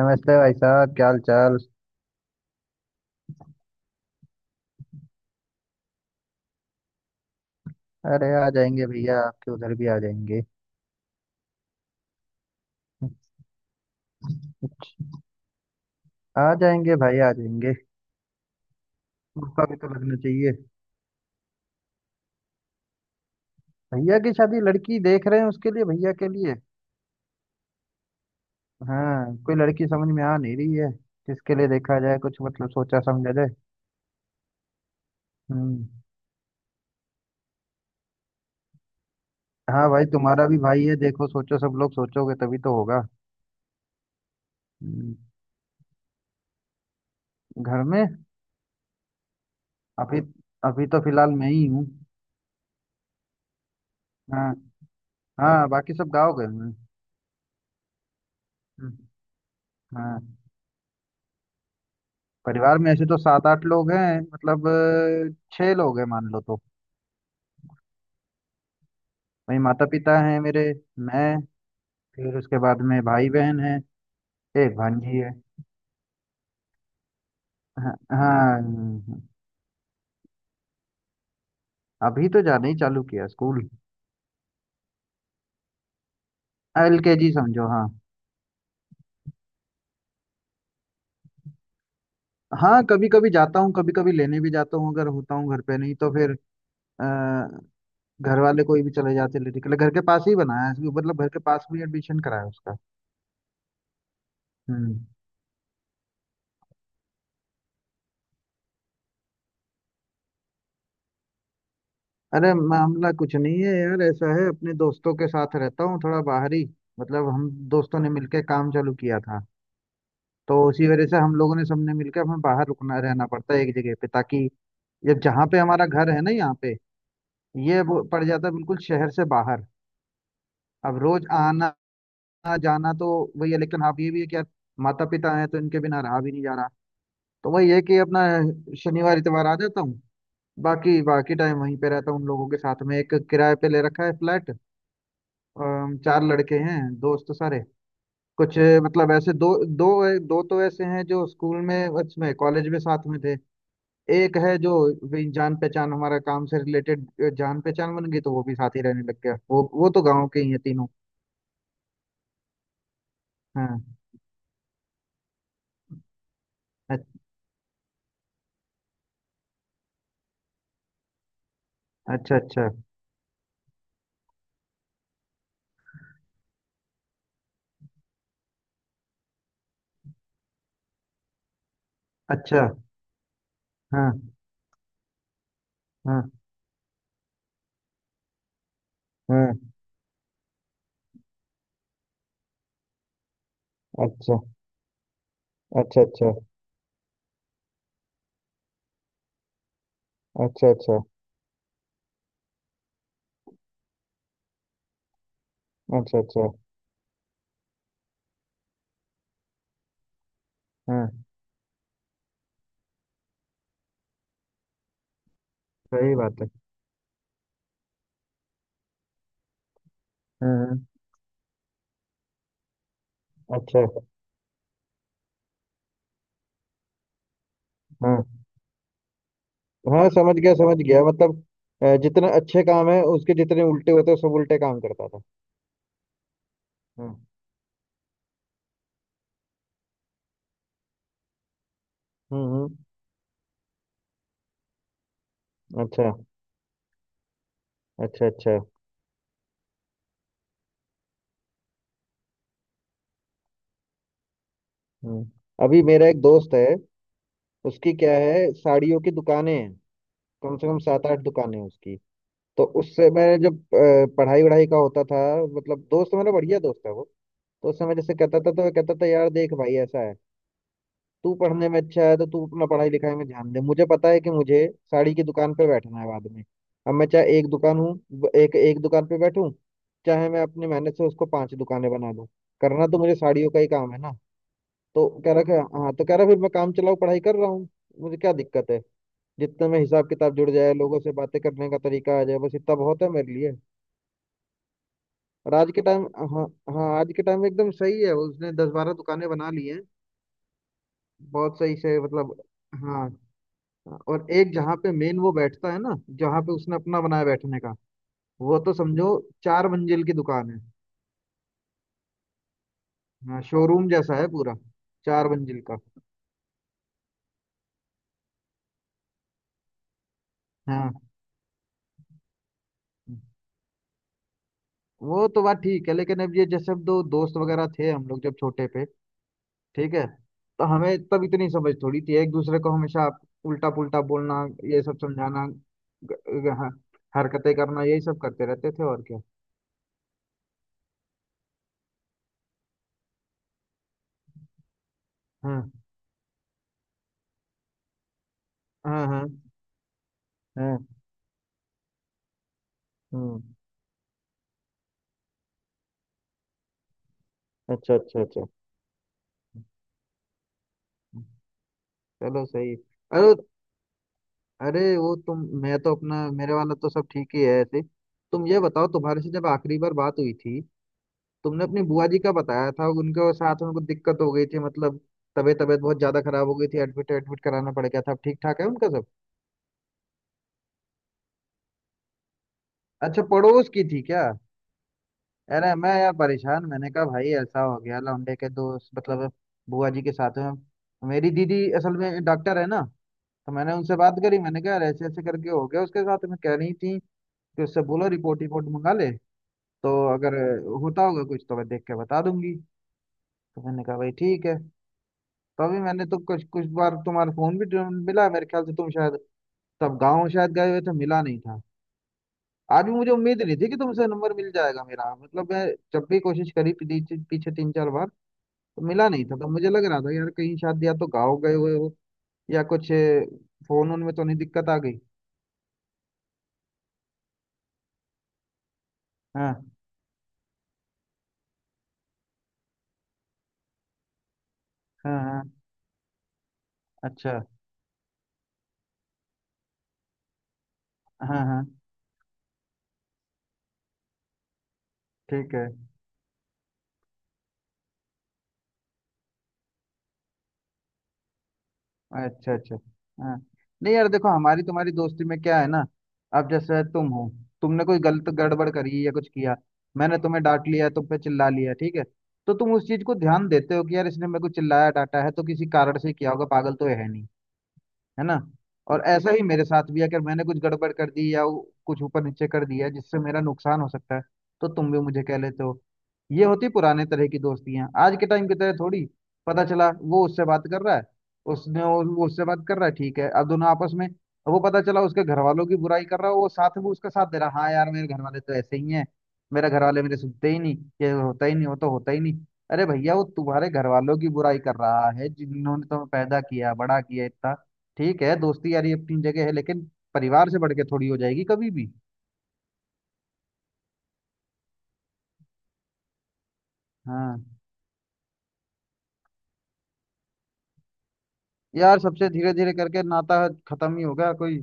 नमस्ते भाई साहब, क्या हाल चाल। अरे आ जाएंगे भैया, आपके उधर भी आ जाएंगे। आ जाएंगे भाई, आ जाएंगे। मौका भी तो लगना चाहिए। भैया की शादी, लड़की देख रहे हैं उसके लिए, भैया के लिए। हाँ, कोई लड़की समझ में आ नहीं रही है। किसके लिए देखा जाए, कुछ मतलब सोचा समझा जाए। हम्म। हाँ भाई, तुम्हारा भी भाई है, देखो सोचो, सब लोग सोचोगे तभी तो होगा। हम्म, घर में। अभी, अभी तो फिलहाल मैं ही हूँ। हाँ। हाँ, बाकी सब गाँव गए हुए हैं। हम्म, हाँ, परिवार में ऐसे तो सात आठ लोग हैं, मतलब छह लोग हैं मान लो तो। वही माता पिता हैं मेरे, मैं, फिर उसके बाद में भाई बहन है। एक भांजी है। हाँ। हाँ, अभी तो जाना ही चालू किया स्कूल। एलकेजी समझो, हाँ। हाँ, कभी कभी जाता हूँ, कभी कभी लेने भी जाता हूँ, अगर होता हूँ घर पे, नहीं तो फिर अ, घर वाले कोई भी चले जाते लेने के लिए, घर के पास ही बनाया है, मतलब घर के पास में एडमिशन कराया उसका। हम्म अरे मामला कुछ नहीं है यार, ऐसा है अपने दोस्तों के साथ रहता हूँ थोड़ा बाहरी। मतलब हम दोस्तों ने मिलके काम चालू किया था। तो उसी वजह से हम लोगों ने सबने मिलकर हमें बाहर रुकना रहना पड़ता है एक जगह पे, ताकि जब जहाँ पे हमारा घर है ना यहाँ पे, ये वो पड़ जाता है बिल्कुल शहर से बाहर। अब रोज आना जाना तो वही है, लेकिन आप ये भी है कि यार माता पिता हैं, तो इनके बिना रहा भी नहीं जा रहा। तो वही है कि अपना शनिवार इतवार आ जाता हूँ। बाकी बाकी टाइम वहीं पे रहता हूँ उन लोगों के साथ में, एक किराए पे ले रखा है फ्लैट। चार लड़के हैं दोस्त सारे। कुछ मतलब ऐसे दो दो दो तो ऐसे हैं जो स्कूल में, उसमें कॉलेज में साथ में थे। एक है जो वही जान पहचान हमारा काम से रिलेटेड, जान पहचान बन गई तो वो भी साथ ही रहने लग गया। वो तो गांव के ही है तीनों। हाँ। अ- अच्छा, अच्छा, अच्छा। हाँ, हाँ, हाँ। अच्छा, अच्छा, अच्छा। अच्छा, अच्छा, अच्छा, अच्छा। हाँ। सही बात है। हाँ, हाँ, अच्छा। हाँ, हाँ, समझ गया मतलब। जितने अच्छे काम है उसके, जितने उल्टे होते हैं सब उल्टे काम करता था। हम्म, हम्म, अच्छा, अच्छा, अच्छा। हम्म अभी मेरा एक दोस्त है, उसकी क्या है, साड़ियों की दुकानें हैं। कम से कम सात आठ दुकानें हैं उसकी। तो उससे मैं, जब पढ़ाई वढ़ाई का होता था, मतलब दोस्त, मेरा बढ़िया दोस्त है वो, तो उस समय जैसे कहता था तो मैं कहता था, यार देख भाई, ऐसा है, तू पढ़ने में अच्छा है तो तू अपना पढ़ाई लिखाई में ध्यान दे। मुझे पता है कि मुझे साड़ी की दुकान पे बैठना है बाद में। अब मैं चाहे एक दुकान हूँ, एक एक दुकान पे बैठूं, चाहे मैं अपनी मेहनत से उसको पांच दुकानें बना दूं, करना तो मुझे साड़ियों का ही काम है ना। तो कह रहा कि हाँ। तो कह रहा, फिर मैं काम चलाऊ पढ़ाई कर रहा हूँ, मुझे क्या दिक्कत है, जितने में हिसाब किताब जुड़ जाए, लोगों से बातें करने का तरीका आ जाए, बस इतना बहुत है मेरे लिए। और आज के टाइम, हाँ, हाँ, आज के टाइम में एकदम सही है, उसने 10-12 दुकानें बना ली हैं, बहुत सही से, मतलब। हाँ, हाँ, और एक जहाँ पे मेन वो बैठता है ना, जहाँ पे उसने अपना बनाया बैठने का, वो तो समझो चार मंजिल की दुकान है। हाँ, शोरूम जैसा है पूरा, चार मंजिल का। हाँ, वो तो बात ठीक है, लेकिन अब ये जैसे अब दो दोस्त वगैरह थे हम लोग जब छोटे पे, ठीक है, तो हमें तब इतनी समझ थोड़ी थी, एक दूसरे को हमेशा उल्टा पुल्टा बोलना, ये सब समझाना ग, ग, हाँ, हरकतें करना यही सब करते रहते थे और क्या। हाँ, हाँ, हाँ, हाँ, हम्म, अच्छा, अच्छा, अच्छा। चलो सही है। अरे, अरे वो तुम, मैं तो अपना, मेरे वाला तो सब ठीक ही है ऐसे। तुम ये बताओ, तुम्हारे से जब आखिरी बार बात हुई थी तुमने अपनी बुआ जी का बताया था, उनके साथ में कुछ दिक्कत हो गई थी, मतलब तबीयत तबीयत बहुत ज्यादा खराब हो गई थी, एडमिट एडमिट कराना पड़ गया था, अब ठीक ठाक है उनका सब। अच्छा, पड़ोस की थी क्या। अरे मैं यार परेशान, मैंने कहा भाई ऐसा हो गया लौंडे के दोस्त, मतलब बुआ जी के साथ में, मेरी दीदी असल में डॉक्टर है ना, तो मैंने उनसे बात करी, मैंने कहा, यार ऐसे ऐसे करके हो गया उसके साथ में, कह रही थी कि उससे बोलो रिपोर्ट रिपोर्ट मंगा ले, तो अगर होता होगा कुछ तो मैं देख के बता दूंगी। तो मैंने कहा भाई ठीक है। तो अभी मैंने तो कुछ कुछ बार तुम्हारा फोन भी मिला, मेरे ख्याल से तुम शायद तब गाँव शायद गए हुए थे, मिला नहीं था। आज भी मुझे उम्मीद नहीं थी कि तुमसे नंबर मिल जाएगा, मेरा मतलब मैं जब भी कोशिश करी पीछे पीछे 3-4 बार, तो मिला नहीं था। तो मुझे लग रहा था यार कहीं शायद या तो गाँव गए हुए हो या कुछ फोन उनमें तो नहीं दिक्कत आ गई। हाँ, हाँ, हाँ, अच्छा। हाँ, हाँ, ठीक है। अच्छा, अच्छा। हाँ, नहीं यार देखो, हमारी तुम्हारी दोस्ती में क्या है ना, अब जैसे तुम हो, तुमने कोई गलत गड़बड़ करी या कुछ किया, मैंने तुम्हें डांट लिया, तुम पे चिल्ला लिया, ठीक है, तो तुम उस चीज को ध्यान देते हो कि यार इसने मेरे को चिल्लाया डांटा है तो किसी कारण से किया होगा, पागल तो है नहीं, है ना। और ऐसा ही मेरे साथ भी है, अगर मैंने कुछ गड़बड़ कर दी या वो कुछ ऊपर नीचे कर दिया जिससे मेरा नुकसान हो सकता है, तो तुम भी मुझे कह लेते हो। ये होती पुराने तरह की दोस्तियां, आज के टाइम की तरह थोड़ी पता चला वो उससे बात कर रहा है, उसने वो उससे बात कर रहा है, ठीक है, अब दोनों आपस में, वो पता चला उसके घर वालों की बुराई कर रहा है, वो साथ में उसका साथ दे रहा है, हाँ यार मेरे घर वाले तो ऐसे ही हैं, मेरे घर वाले मेरे सुनते ही नहीं, ये होता ही नहीं वो तो होता ही नहीं। अरे भैया, वो तुम्हारे घर वालों की बुराई कर रहा है जिन्होंने तुम्हें पैदा किया बड़ा किया इतना, ठीक है, दोस्ती यारी अपनी जगह है लेकिन परिवार से बढ़ के थोड़ी हो जाएगी कभी भी। हाँ, यार सबसे धीरे धीरे करके नाता खत्म ही हो गया, कोई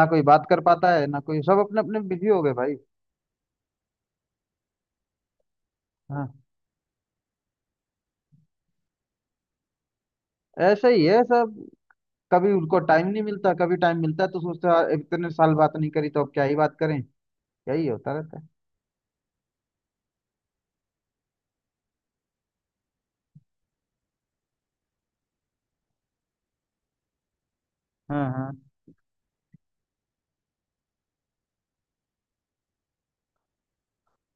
ना कोई बात कर पाता है ना कोई, सब अपने अपने बिजी हो गए भाई। हाँ, ऐसे ही है सब, कभी उनको टाइम नहीं मिलता, कभी टाइम मिलता है तो सोचते हैं, यार, इतने साल बात नहीं करी तो अब क्या ही बात करें। यही होता रहता है। हाँ, हाँ,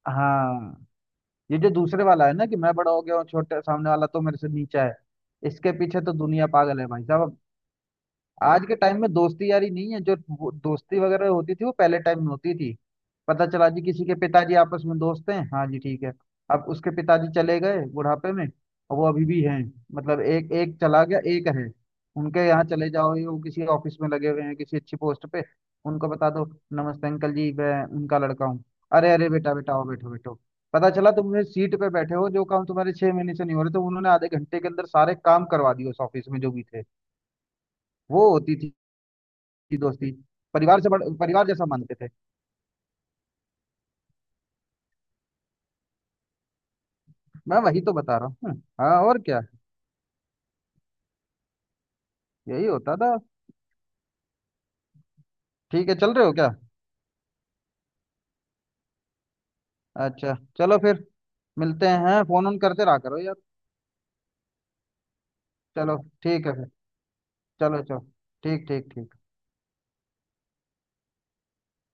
हाँ। ये जो दूसरे वाला है ना कि मैं बड़ा हो गया हूँ, छोटे सामने वाला तो मेरे से नीचा है, इसके पीछे तो दुनिया पागल है भाई साहब। आज के टाइम में दोस्ती यारी नहीं है जो, वो दोस्ती वगैरह होती थी वो पहले टाइम में होती थी। पता चला जी किसी के पिताजी आपस में दोस्त हैं, हाँ जी ठीक है, अब उसके पिताजी चले गए बुढ़ापे में और वो अभी भी हैं। मतलब एक एक चला गया एक है, उनके यहाँ चले जाओ, ये वो किसी ऑफिस में लगे हुए हैं किसी अच्छी पोस्ट पे, उनको बता दो, नमस्ते अंकल जी, मैं उनका लड़का हूँ। अरे अरे बेटा, बेटा आओ, बैठो बैठो। पता चला तुम सीट पे बैठे हो, जो काम तुम्हारे 6 महीने से नहीं हो रहे, तो उन्होंने आधे घंटे के अंदर सारे काम करवा दिए उस ऑफिस में जो भी थे। वो होती थी की दोस्ती, परिवार से परिवार जैसा मानते थे। मैं वही तो बता रहा हूँ, हाँ और क्या। यही होता था। ठीक है, चल रहे हो क्या। अच्छा चलो फिर, मिलते हैं, फोन ऑन करते रहा करो यार। चलो ठीक है फिर, चलो चलो, ठीक ठीक ठीक।